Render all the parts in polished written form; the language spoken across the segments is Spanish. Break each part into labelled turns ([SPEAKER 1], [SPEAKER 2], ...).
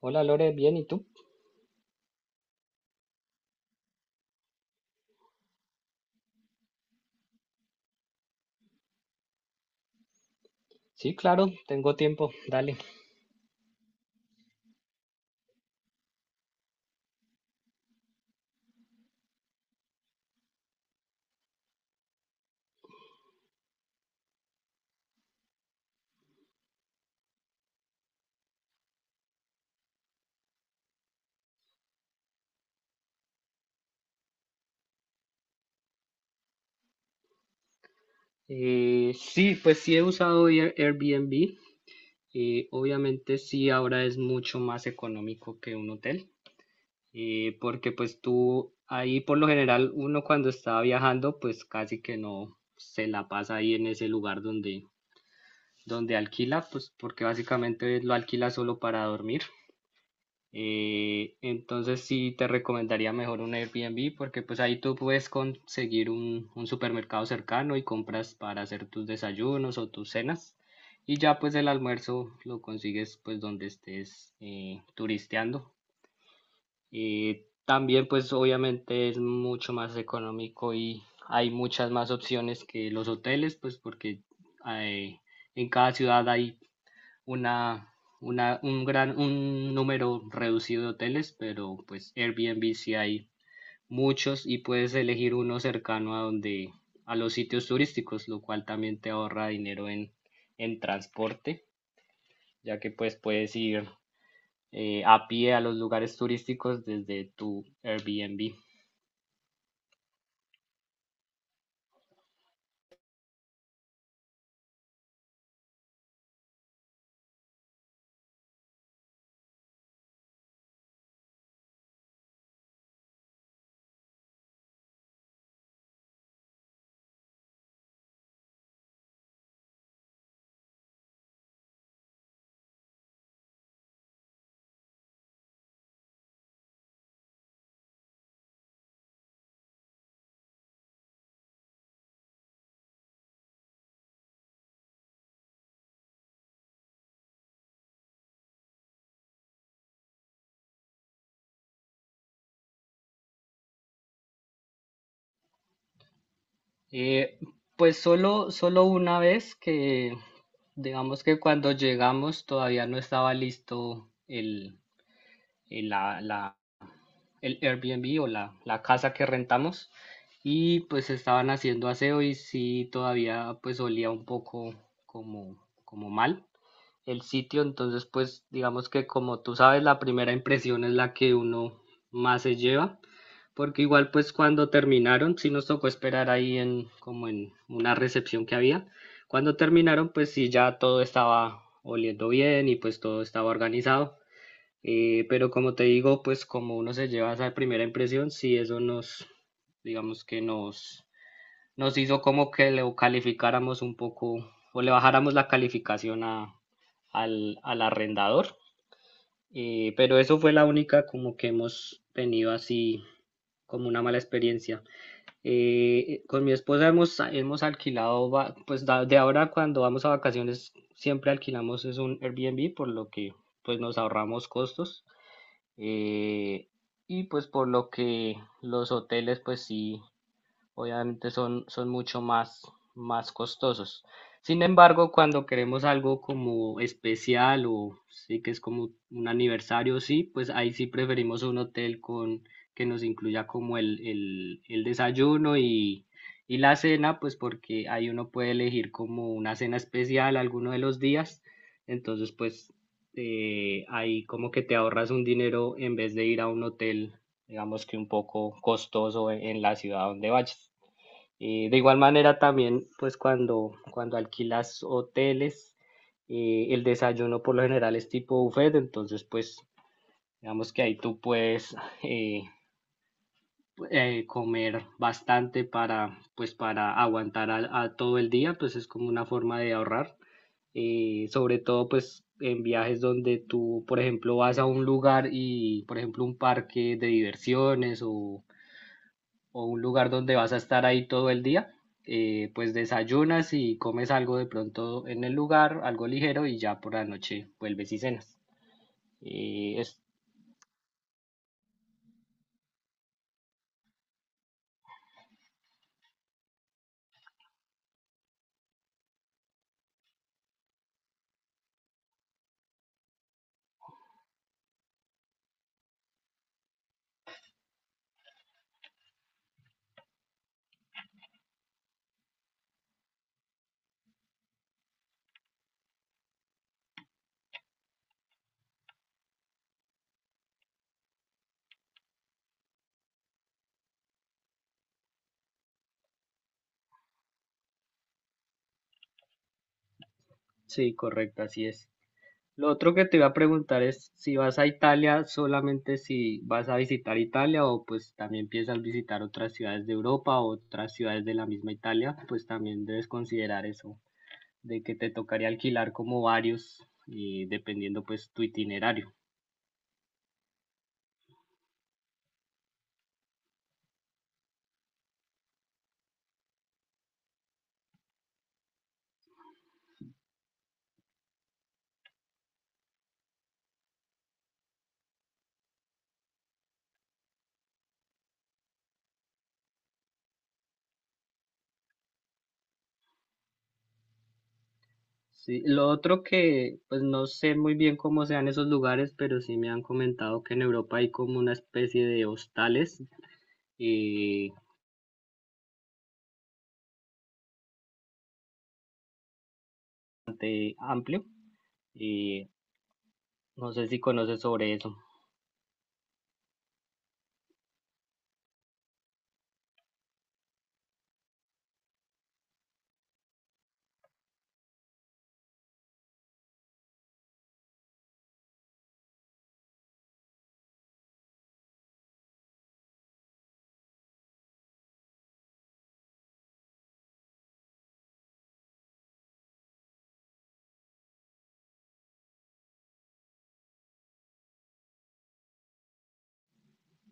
[SPEAKER 1] Hola Lore, bien, ¿y tú? Sí, claro, tengo tiempo, dale. Sí, pues sí he usado Airbnb. Obviamente sí, ahora es mucho más económico que un hotel, porque pues tú ahí por lo general uno cuando está viajando pues casi que no se la pasa ahí en ese lugar donde alquila, pues porque básicamente lo alquila solo para dormir. Entonces sí te recomendaría mejor un Airbnb porque pues ahí tú puedes conseguir un supermercado cercano y compras para hacer tus desayunos o tus cenas, y ya pues el almuerzo lo consigues pues donde estés turisteando. También pues obviamente es mucho más económico y hay muchas más opciones que los hoteles, pues porque hay- en cada ciudad hay una, un número reducido de hoteles, pero pues Airbnb sí hay muchos, y puedes elegir uno cercano a los sitios turísticos, lo cual también te ahorra dinero en transporte, ya que pues puedes ir a pie a los lugares turísticos desde tu Airbnb. Eh, pues solo una vez digamos que cuando llegamos todavía no estaba listo el- la, la- el Airbnb o la casa que rentamos, y pues estaban haciendo aseo y sí todavía pues olía un poco como, como mal el sitio. Entonces pues digamos que como tú sabes, la primera impresión es la que uno más se lleva, porque igual pues cuando terminaron sí nos tocó esperar ahí en como en una recepción que había. Cuando terminaron, pues sí, ya todo estaba oliendo bien y pues todo estaba organizado. Pero como te digo, pues como uno se lleva esa primera impresión, sí, eso digamos que nos hizo como que le calificáramos un poco o le bajáramos la calificación al arrendador. Pero eso fue la única como que hemos tenido, así como una mala experiencia. Con mi esposa hemos alquilado, de ahora cuando vamos a vacaciones siempre alquilamos es un Airbnb, por lo que pues nos ahorramos costos. Eh, y pues por lo que los hoteles pues sí obviamente son mucho más costosos. Sin embargo, cuando queremos algo como especial o sí que es como un aniversario, sí, pues ahí sí preferimos un hotel con que nos incluya como el desayuno y la cena, pues porque ahí uno puede elegir como una cena especial alguno de los días. Entonces, pues ahí como que te ahorras un dinero en vez de ir a un hotel digamos que un poco costoso en la ciudad donde vayas. De igual manera también, pues cuando alquilas hoteles, el desayuno por lo general es tipo buffet. Entonces pues digamos que ahí tú puedes eh, comer bastante para, pues para aguantar a todo el día, pues es como una forma de ahorrar. Sobre todo pues en viajes donde tú, por ejemplo, vas a un lugar y, por ejemplo, un parque de diversiones o un lugar donde vas a estar ahí todo el día, pues desayunas y comes algo de pronto en el lugar, algo ligero, y ya por la noche vuelves y cenas. Y es, sí, correcto, así es. Lo otro que te iba a preguntar es si vas a Italia, solamente si vas a visitar Italia o pues también piensas visitar otras ciudades de Europa o otras ciudades de la misma Italia, pues también debes considerar eso, de que te tocaría alquilar como varios y dependiendo pues tu itinerario. Sí, lo otro pues no sé muy bien cómo sean esos lugares, pero sí me han comentado que en Europa hay como una especie de hostales eh, bastante amplio, y no sé si conoces sobre eso.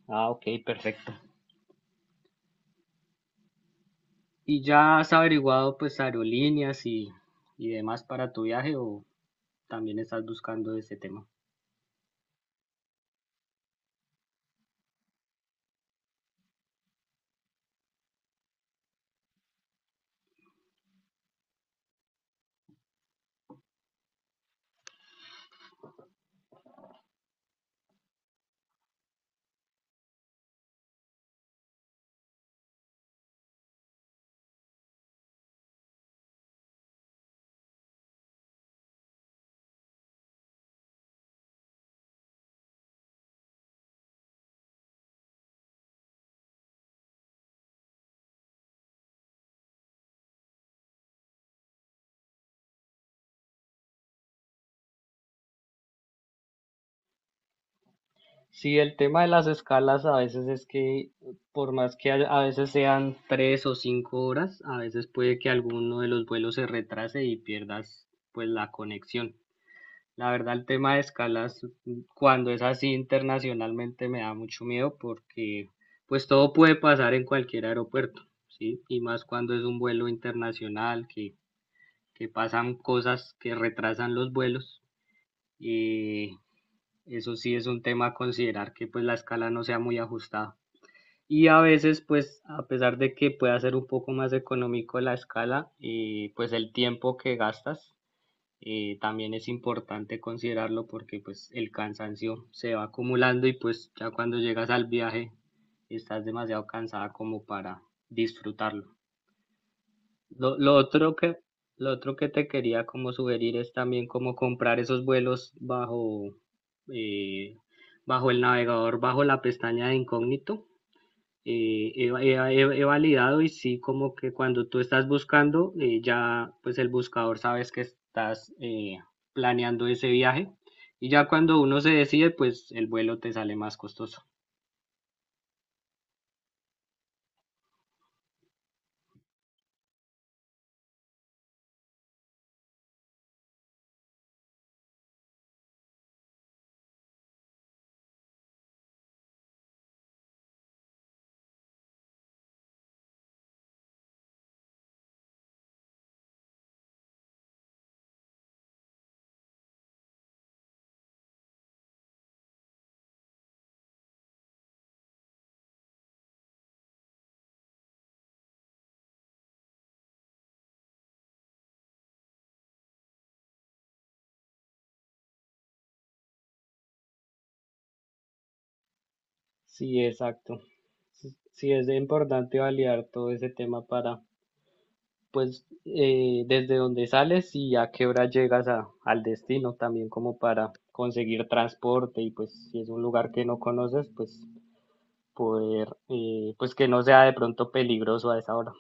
[SPEAKER 1] Ah, ok, perfecto. ¿Y ya has averiguado pues aerolíneas y demás para tu viaje, o también estás buscando ese tema? Sí, el tema de las escalas a veces es por más que a veces sean tres o cinco horas, a veces puede que alguno de los vuelos se retrase y pierdas pues la conexión. La verdad, el tema de escalas, mm, cuando es así internacionalmente, me da mucho miedo porque pues todo puede pasar en cualquier aeropuerto, ¿sí? Y más cuando es un vuelo internacional, que pasan cosas que retrasan los vuelos. eh, Eso sí es un tema a considerar, que pues la escala no sea muy ajustada. Y a veces pues a pesar de que pueda ser un poco más económico la escala, pues el tiempo que gastas también es importante considerarlo, porque pues el cansancio se va acumulando y pues ya cuando llegas al viaje estás demasiado cansada como para disfrutarlo. Lo, lo otro que, lo otro que te quería como sugerir es también como comprar esos vuelos eh, bajo el navegador, bajo la pestaña de incógnito. He validado y sí, como que cuando tú estás buscando, ya pues el buscador sabes que estás planeando ese viaje. Y ya cuando uno se decide, pues el vuelo te sale más costoso. Sí, exacto. Sí, sí es importante validar todo ese tema para pues desde donde sales y a qué hora llegas al destino, también como para conseguir transporte, y pues si es un lugar que no conoces, pues poder, pues que no sea de pronto peligroso a esa hora.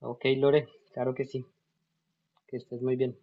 [SPEAKER 1] Ok, Lore, claro que sí, que estés muy bien.